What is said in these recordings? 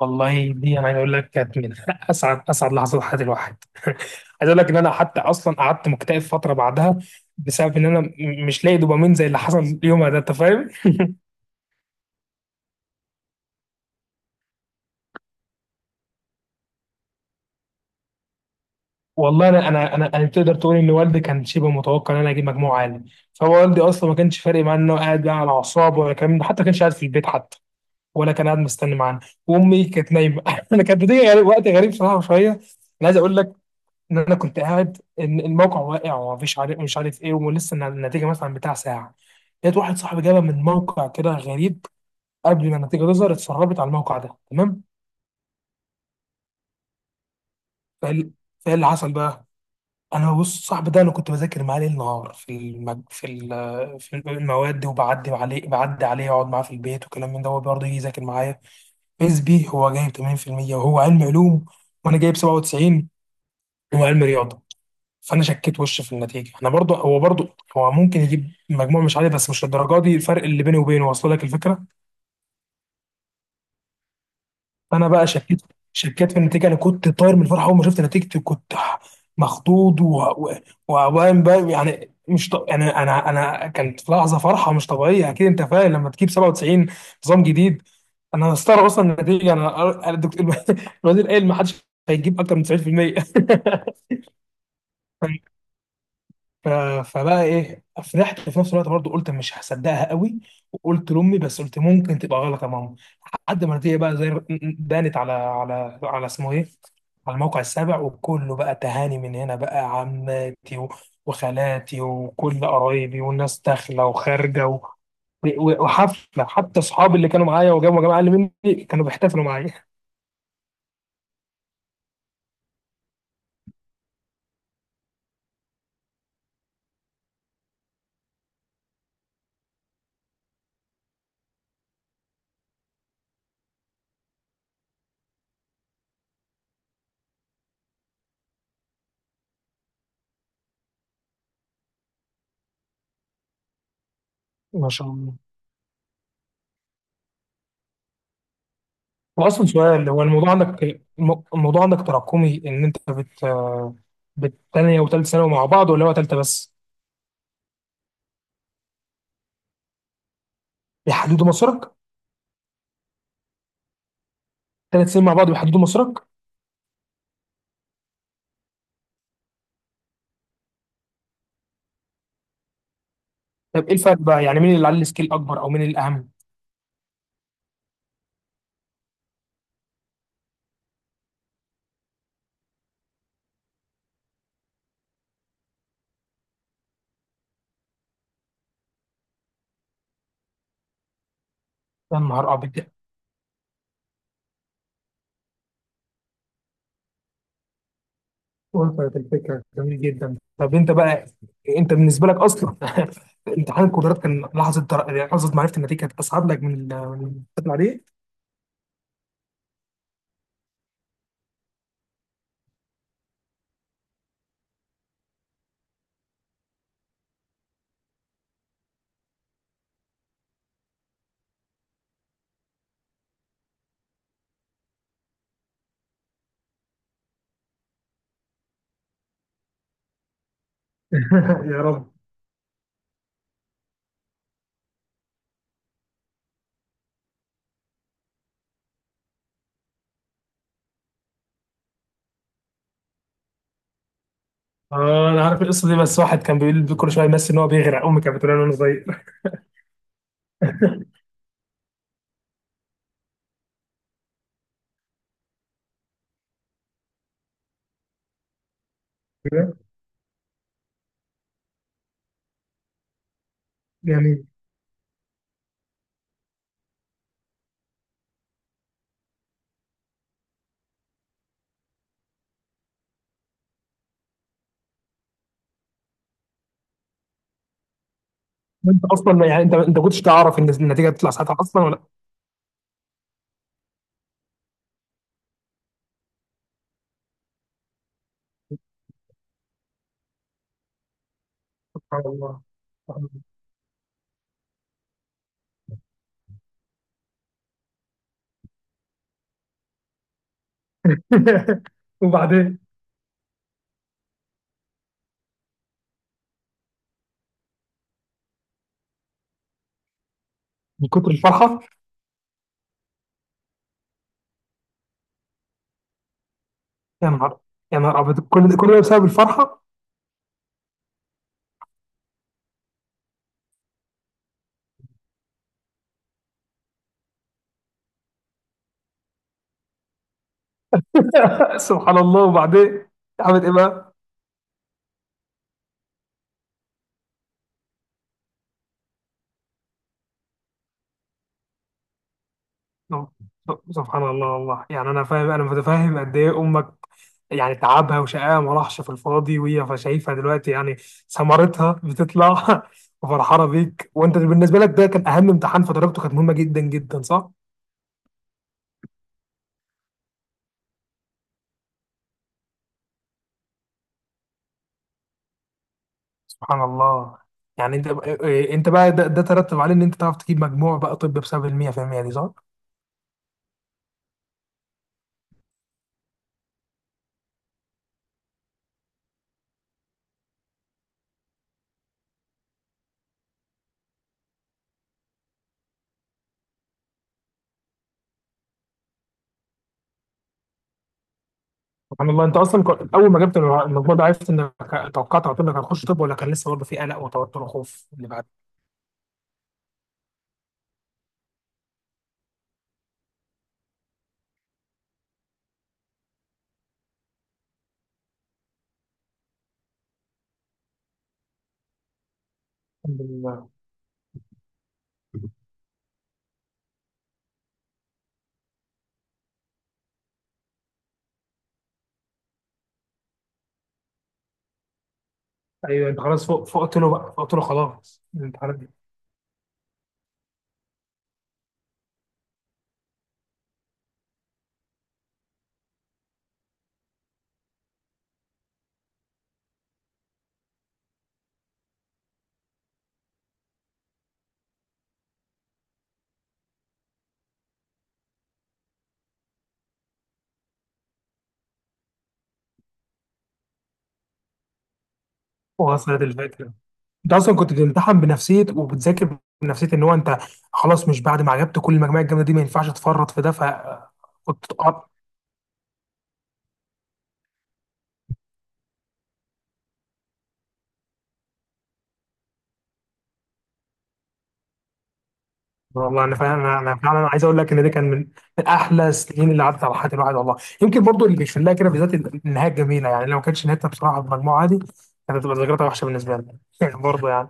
والله دي عايز اقول لك كانت من اسعد لحظات حياه الواحد عايز اقول لك ان انا حتى اصلا قعدت مكتئب فتره بعدها بسبب ان انا مش لاقي دوبامين زي اللي حصل يومها ده، انت فاهم. والله انا تقدر تقول ان والدي كان شبه متوقع ان انا اجيب مجموع عالي، فهو والدي اصلا ما كانش فارق معاه انه قاعد بقى على اعصابه، ولا كان حتى ما كانش قاعد في البيت حتى، ولا كان قاعد مستني معانا. وامي كانت نايمه. انا كانت بتيجي وقت غريب صراحه شويه. انا عايز اقول لك ان انا كنت قاعد إن الموقع واقع ومفيش عارف مش عارف ايه، ولسه النتيجه مثلا بتاع ساعه، لقيت واحد صاحبي جابها من موقع كده غريب، قبل ما النتيجه تظهر اتسربت على الموقع ده، تمام؟ فال- فايه اللي حصل بقى؟ انا بص، صاحبي ده انا كنت بذاكر معاه ليل نهار في المج... في ال... في المواد، وبعدي عليه بعدي عليه اقعد معاه في البيت وكلام من ده، هو برضه يجي يذاكر معايا. فيز بي هو جايب 80%، وهو علم علوم، وانا جايب 97، وهو علم رياضه. فانا شكيت وش في النتيجه، انا برضو هو برضو، هو ممكن يجيب مجموع مش عالي، بس مش للدرجه دي الفرق اللي بيني وبينه. واصل لك الفكره؟ فانا بقى شكيت، شكيت في النتيجه. انا كنت طاير من الفرحه اول ما شفت نتيجتي، كنت مخضوض. وقام بقى يعني مش ط... يعني انا كانت في لحظه فرحه مش طبيعيه، اكيد انت فاهم لما تجيب 97 نظام جديد. انا مستغرب اصلا النتيجه، انا الدكتور الوزير قال ما حدش هيجيب اكتر من 90%. ف- فبقى ايه، فرحت في نفس الوقت برضه قلت مش هصدقها قوي. وقلت لامي، بس قلت ممكن تبقى غلط يا ماما، لحد ما النتيجه بقى زي بانت على اسمه ايه، على الموقع السابع. وكله بقى تهاني من هنا، بقى عماتي وخالاتي وكل قرايبي، والناس داخله وخارجه وحفله حتى. اصحابي اللي كانوا معايا وجابوا جماعه اللي مني كانوا بيحتفلوا معايا. ما شاء الله. هو اصلا سؤال، هو الموضوع عندك، الموضوع عندك تراكمي ان انت بالتانية وتالت ثانوي مع بعض، ولا هو تالتة بس بيحددوا مصيرك؟ تالت سنين مع بعض بيحددوا مصيرك. طب ايه الفرق بقى يعني، مين اللي عليه السكيل اكبر او مين الاهم؟ يا نهار ابيض، وصلت الفكرة، جميل جدا. طب انت بقى، انت بالنسبة لك اصلا امتحان القدرات كان لحظة معرفة النتيجة كانت اصعب لك من من الامتحان عليه؟ يا رب. اه انا عارف القصة دي، بس واحد كان بيقول كل شوية يمثل ان هو بيغرق، امي كانت بتقول له وانا صغير. بجد؟ جميل. وانت اصلا يعني، انت كنتش تعرف ان النتيجه هتطلع ساعتها اصلا ولا؟ سبحان الله. سبحان الله. وبعدين؟ من كتر الفرحه. يا نهار، يا نهار ابيض، كل ده كل ده بسبب الفرحه؟ سبحان الله، وبعدين عملت ايه بقى؟ نو. سبحان الله والله، يعني انا فاهم، انا متفاهم قد ايه امك يعني تعبها وشقاها ما راحش في الفاضي، وهي شايفها دلوقتي يعني ثمرتها بتطلع. وفرحانه بيك. وانت بالنسبه لك ده كان اهم امتحان فدرجته كانت مهمه جدا جدا، صح؟ سبحان الله. يعني انت بقى، إيه- إيه، انت بقى ده ترتب عليه ان انت تعرف تجيب مجموع بقى طب، بسبب ال 100% دي صح؟ سبحان الله. انت اصلا كنت، اول ما جبت المجموع ده عرفت انك توقعت على طول انك هتخش طب، ولا كان لسه برضه في قلق وتوتر وخوف اللي بعد؟ الحمد لله. ايوه انت خلاص فوق، فقت له بقى، فقت له خلاص الامتحانات دي. وصلت الفكره. انت اصلا كنت بتمتحن بنفسيه وبتذاكر بنفسيه ان هو انت خلاص، مش بعد ما عجبت كل المجموعه الجامده دي ما ينفعش تفرط في ده، ف... والله انا فعلا، انا فعلا عايز اقول لك ان ده كان من من احلى السنين اللي عدت على حياه الواحد، والله. يمكن برضو اللي بيشفل لها كده بالذات النهايه الجميله يعني، لو ما كانتش نهايتها بصراحه بالمجموعه دي كانت هتبقى ذكرياتها وحشه بالنسبه لنا برضو يعني.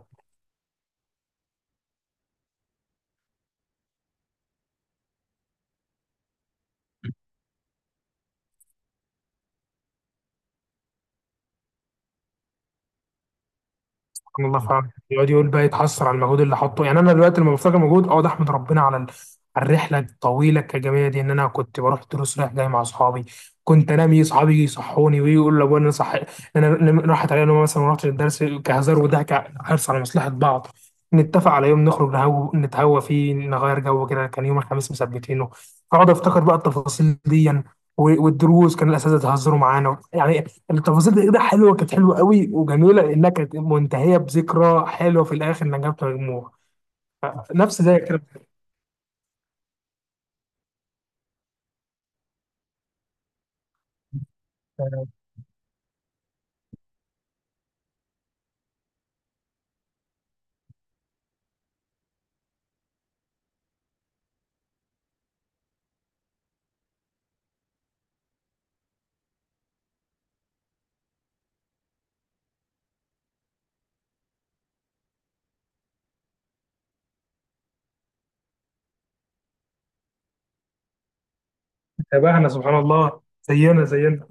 سبحان الله فعلا، يقعد يقول بقى يتحسر على المجهود اللي حطه. يعني انا دلوقتي لما بفتكر مجهود، اه ده احمد ربنا على على الرحله الطويله الكجميه دي، ان انا كنت بروح دروس رايح جاي مع اصحابي، كنت انام يجي اصحابي يجي يصحوني، ويقول لابويا إن انا صح، إن أنا راحت عليا نوم مثلا ما رحتش الدرس كهزار وضحك، حرص على مصلحه بعض. نتفق على يوم نخرج نهو نتهوى فيه نغير جو كده، كان يوم الخميس مثبتينه. اقعد افتكر بقى التفاصيل دي يعني، والدروس كان الاساتذه يهزروا معانا يعني. التفاصيل دي كده حلوه، كانت حلوه قوي وجميله، لانها كانت منتهيه بذكرى حلوه في الاخر انها جابت مجموع نفس زي كده. بتتابعنا سبحان الله، زينا زينا.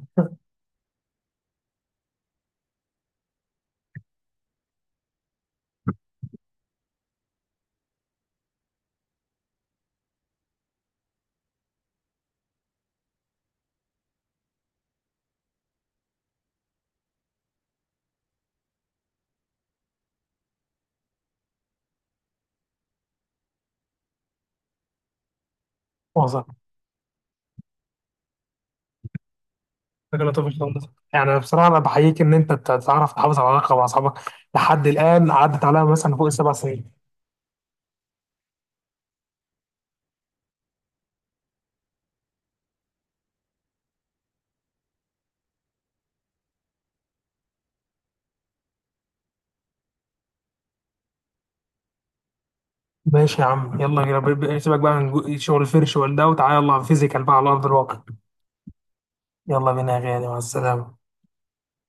وصل فكرة لطيفة جدا. يعني بصراحه انا بحييك ان انت تعرف تحافظ على العلاقه مع اصحابك لحد الان، عدت عليها مثلا فوق ال7 سنين. ماشي يا عم، يلا بينا، سيبك بقى من شغل الفرش والده وتعالى يلا فيزيكال بقى على ارض الواقع. يلا بينا يا غالي، مع السلامه.